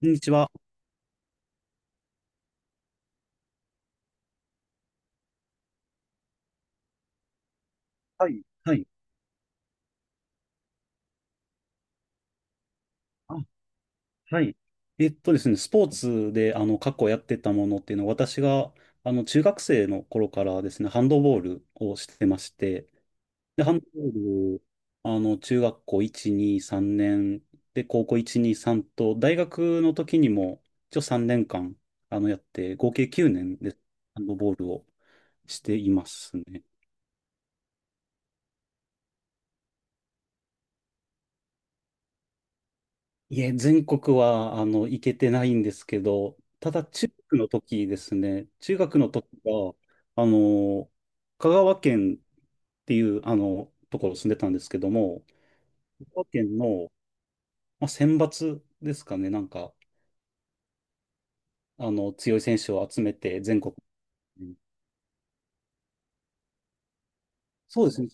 こんにちは。はい、はい。あ、はい。えっとですね、スポーツで、過去やってたものっていうのは、私が、中学生の頃からですね、ハンドボールをしてまして、で、ハンドボール、中学校1、2、3年、で、高校1、2、3と、大学の時にも、一応3年間、やって、合計9年で、ハンドボールをしていますね。いえ、全国は、行けてないんですけど、ただ、中学の時ですね、中学の時は、あの、香川県っていう、ところ住んでたんですけども、香川県の、まあ、選抜ですかね、なんか、強い選手を集めて、全国に。そうですね。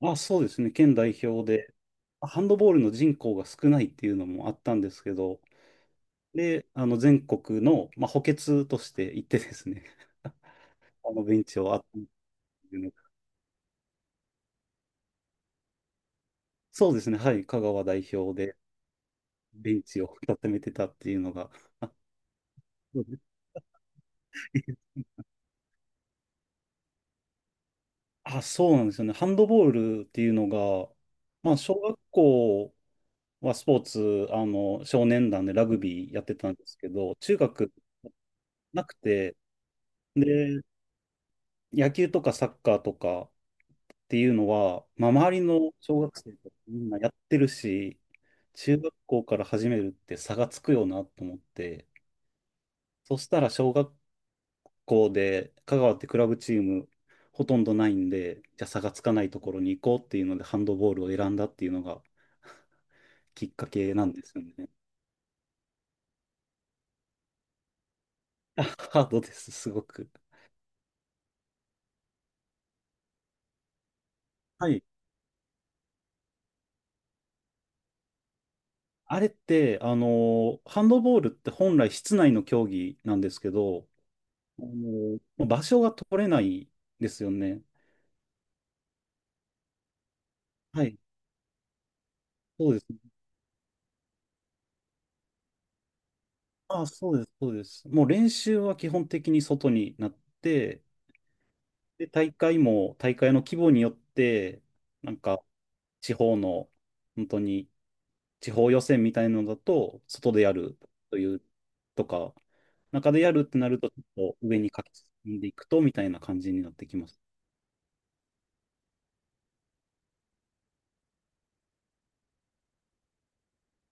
あ、そうですね、県代表で、ハンドボールの人口が少ないっていうのもあったんですけど、で、全国の、まあ、補欠として行ってですね、ベンチを集めいうのがそうですね、はい、香川代表でベンチを固めてたっていうのが、あ、そうですね。 あ、そうなんですよね、ハンドボールっていうのが、まあ、小学校はスポーツ、少年団でラグビーやってたんですけど、中学なくて、で、野球とかサッカーとかっていうのは、まあ、周りの小学生とかみんなやってるし、中学校から始めるって差がつくよなと思って、そしたら小学校で、香川ってクラブチームほとんどないんで、じゃあ差がつかないところに行こうっていうので、ハンドボールを選んだっていうのがきっかけなんですよね。あ。 ハードです、すごく。はい。あれって、ハンドボールって本来室内の競技なんですけど、あ場所が取れないですよね。はい。そうです。あ、そうです、そうです。もう練習は基本的に外になって、で、大会も、大会の規模によって、なんか、地方の、本当に、地方予選みたいなのだと、外でやるという、とか、中でやるってなると、ちょっと上に書き進んでいくと、みたいな感じになってきます。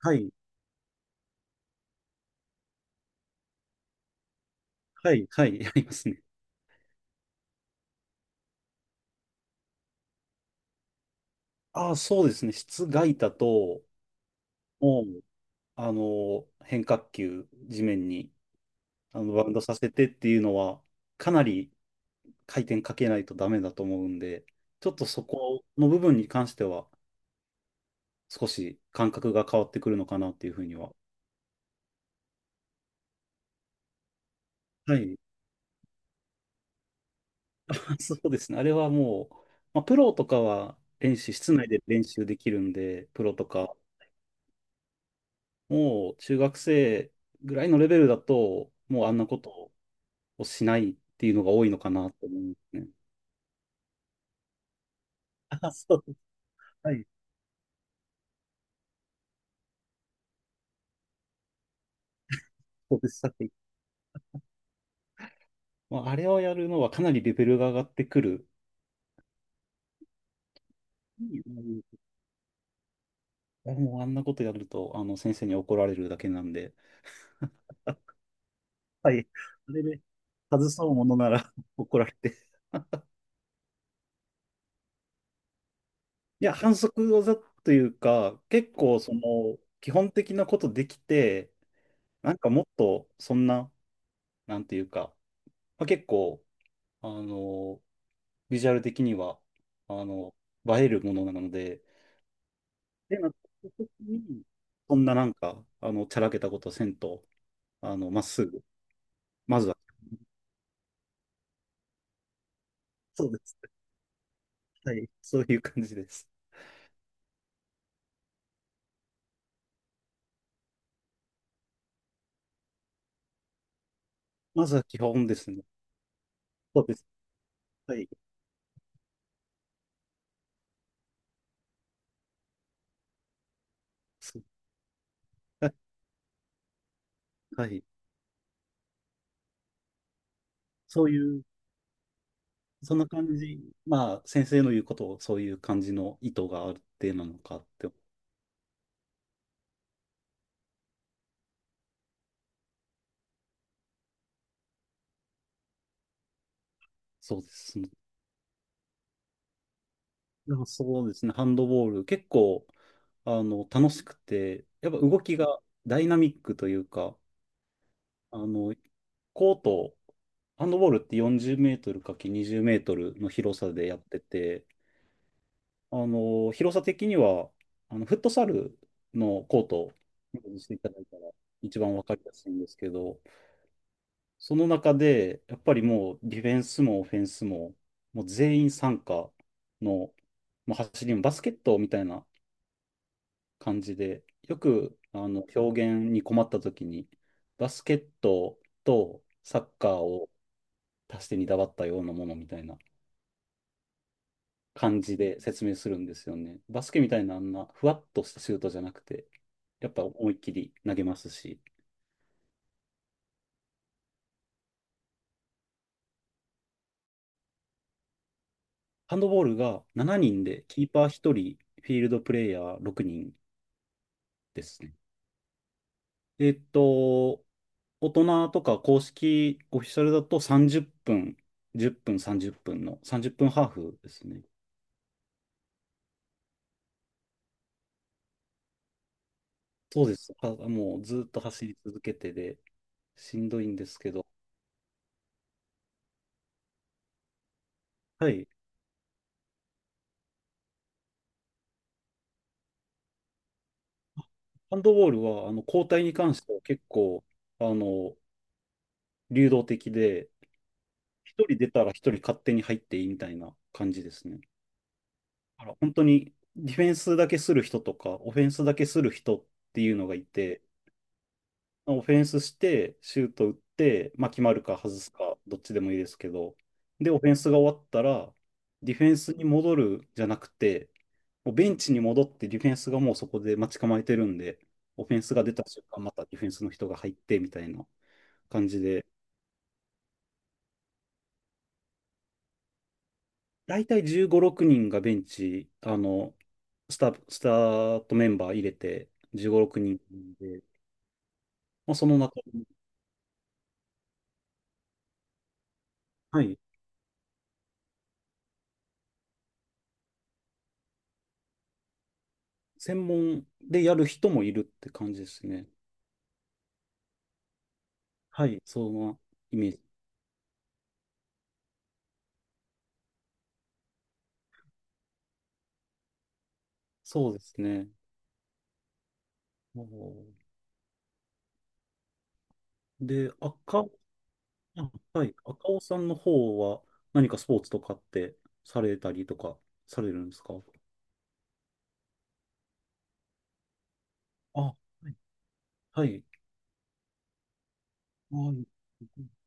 はい、はい、はい、やりますね。ああ、そうですね。室外だと、もう、変化球、地面に、バウンドさせてっていうのは、かなり回転かけないとダメだと思うんで、ちょっとそこの部分に関しては少し感覚が変わってくるのかなっていうふうには。はい。そうですね。あれはもう、まあ、プロとかは練習、室内で練習できるんで、プロとか、もう中学生ぐらいのレベルだと、もうあんなことをしないっていうのが多いのかなと思うんですね。あ、そう。はい。そうです。さっき。まあ、あれをやるのはかなりレベルが上がってくる。やもうあんなことやると、先生に怒られるだけなんで。はい。あれで外そうものなら 怒られて。いや、反則技というか、結構その、基本的なことできて、なんかもっと、そんな、なんていうか、まあ、結構、あの、ビジュアル的には、あの、映えるものなので、で、なった時に、そんななんか、ちゃらけたことせんと、まっすぐ、まずは、そうです。はい。そういう感じです。まずは基本ですね。そうです。はい。そうはいはい。そういう、そんな感じ。まあ、先生の言うことを、そういう感じの意図があるってなのかって。そうですね。でもそうですね。ハンドボール、結構、楽しくて、やっぱ動きがダイナミックというか、あの、コート、ハンドボールって40メートルかけ20メートルの広さでやってて、広さ的には、フットサルのコートをイメージしていただいたら一番わかりやすいんですけど、その中で、やっぱりもうディフェンスもオフェンスも、もう全員参加の、もう走りもバスケットみたいな感じで、よく、表現に困った時に、バスケットとサッカーを足してにだばったようなものみたいな感じで説明するんですよね。バスケみたいなあんなふわっとしたシュートじゃなくて、やっぱ思いっきり投げますし、ハンドボールが7人で、キーパー1人、フィールドプレイヤー6人ですね。えっと、大人とか公式オフィシャルだと30分、10分、30分の30分ハーフですね。そうです。あもうずっと走り続けてで、しんどいんですけど、はい。ハンドボールは、交代に関しては結構、あの、流動的で、一人出たら一人勝手に入っていいみたいな感じですね。だから本当にディフェンスだけする人とか、オフェンスだけする人っていうのがいて、オフェンスして、シュート打って、まあ、決まるか外すか、どっちでもいいですけど、で、オフェンスが終わったら、ディフェンスに戻るじゃなくて、もうベンチに戻ってディフェンスがもうそこで待ち構えてるんで、オフェンスが出た瞬間、またディフェンスの人が入ってみたいな感じで、大体15、6人がベンチ、スタートメンバー入れて15、6人で、まあ、その中に、はい、専門でやる人もいるって感じですね。はい、そんなイメージ。そうですね。お、ーで、はい、赤尾さんの方は何かスポーツとかってされたりとかされるんですか？あ、はい、はい、あ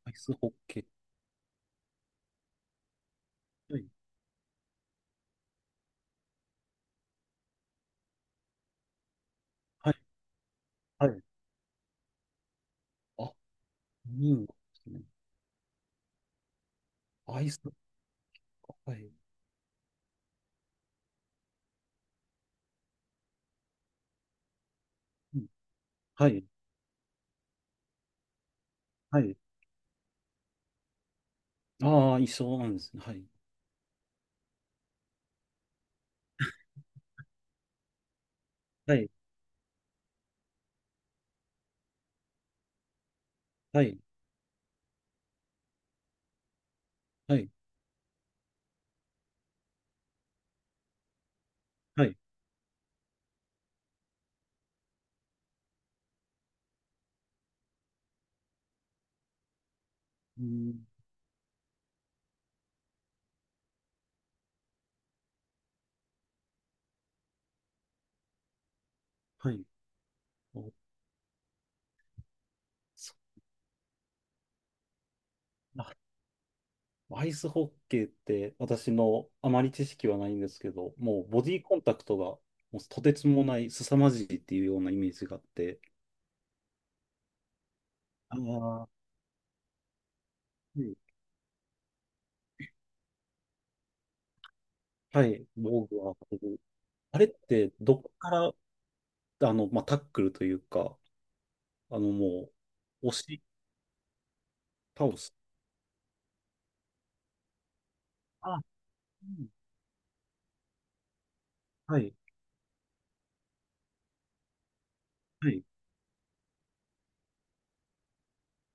アイスホッケー。はい、はい、はい。あ、いいんですね。アイス、はい。うんはい。はい。ああ、いそうなんですね。はい。はい。はい。はい。はい。うん。はい。おそあ、アイスホッケーって私のあまり知識はないんですけど、もうボディコンタクトがもうとてつもない凄まじいっていうようなイメージがあって、ああ、うんはい。防具は当てる。あれってどこから、まあ、タックルというか、もう、押し倒す。あ、うんはい。はい。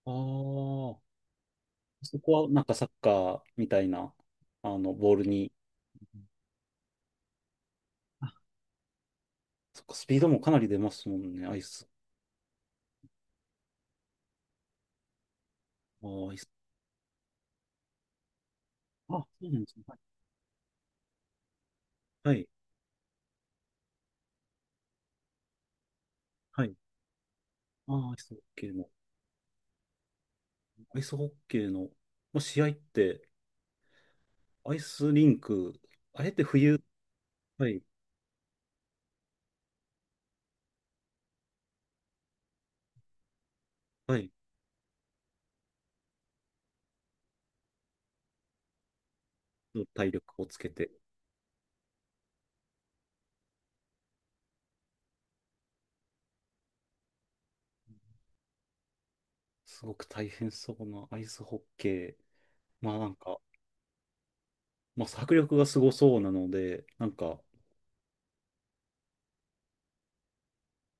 ああ、そこはなんかサッカーみたいな、ボールに、あ、そっか、スピードもかなり出ますもんね、アイス。あー、アイス。あ、そうなんですね。はい。はい。ああー、アイスホッケーの、まあ、試合って、アイスリンク、あれって冬、はい、はい、の体力をつけて、すごく大変そうなアイスホッケー。まあなんか、まあ、迫力がすごそうなので、なんか、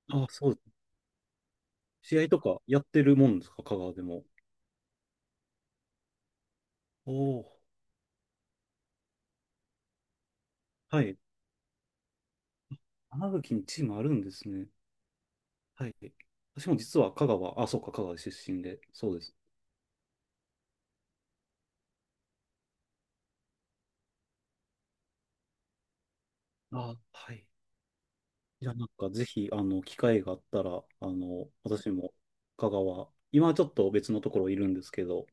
ああ、そう、試合とかやってるもんですか、香川でも？おお。はい。花吹にチームあるんですね。はい。私も実は香川、あ、そうか、香川出身で、そうです。あ、はい。いや、なんかぜひ、機会があったら、私も香川、今はちょっと別のところいるんですけど、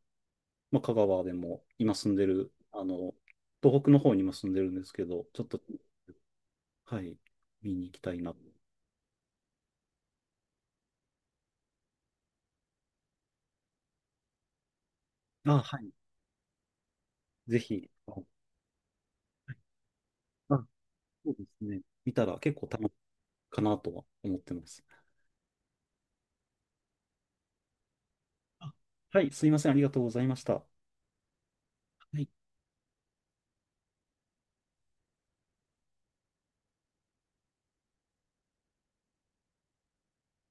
まあ、香川でも今住んでる、東北の方に今住んでるんですけど、ちょっと、はい、見に行きたいな。あ、はい。ぜひ、あそうですね。見たら結構楽しいかなとは思ってます。あはい、すいません、ありがとうございました。はい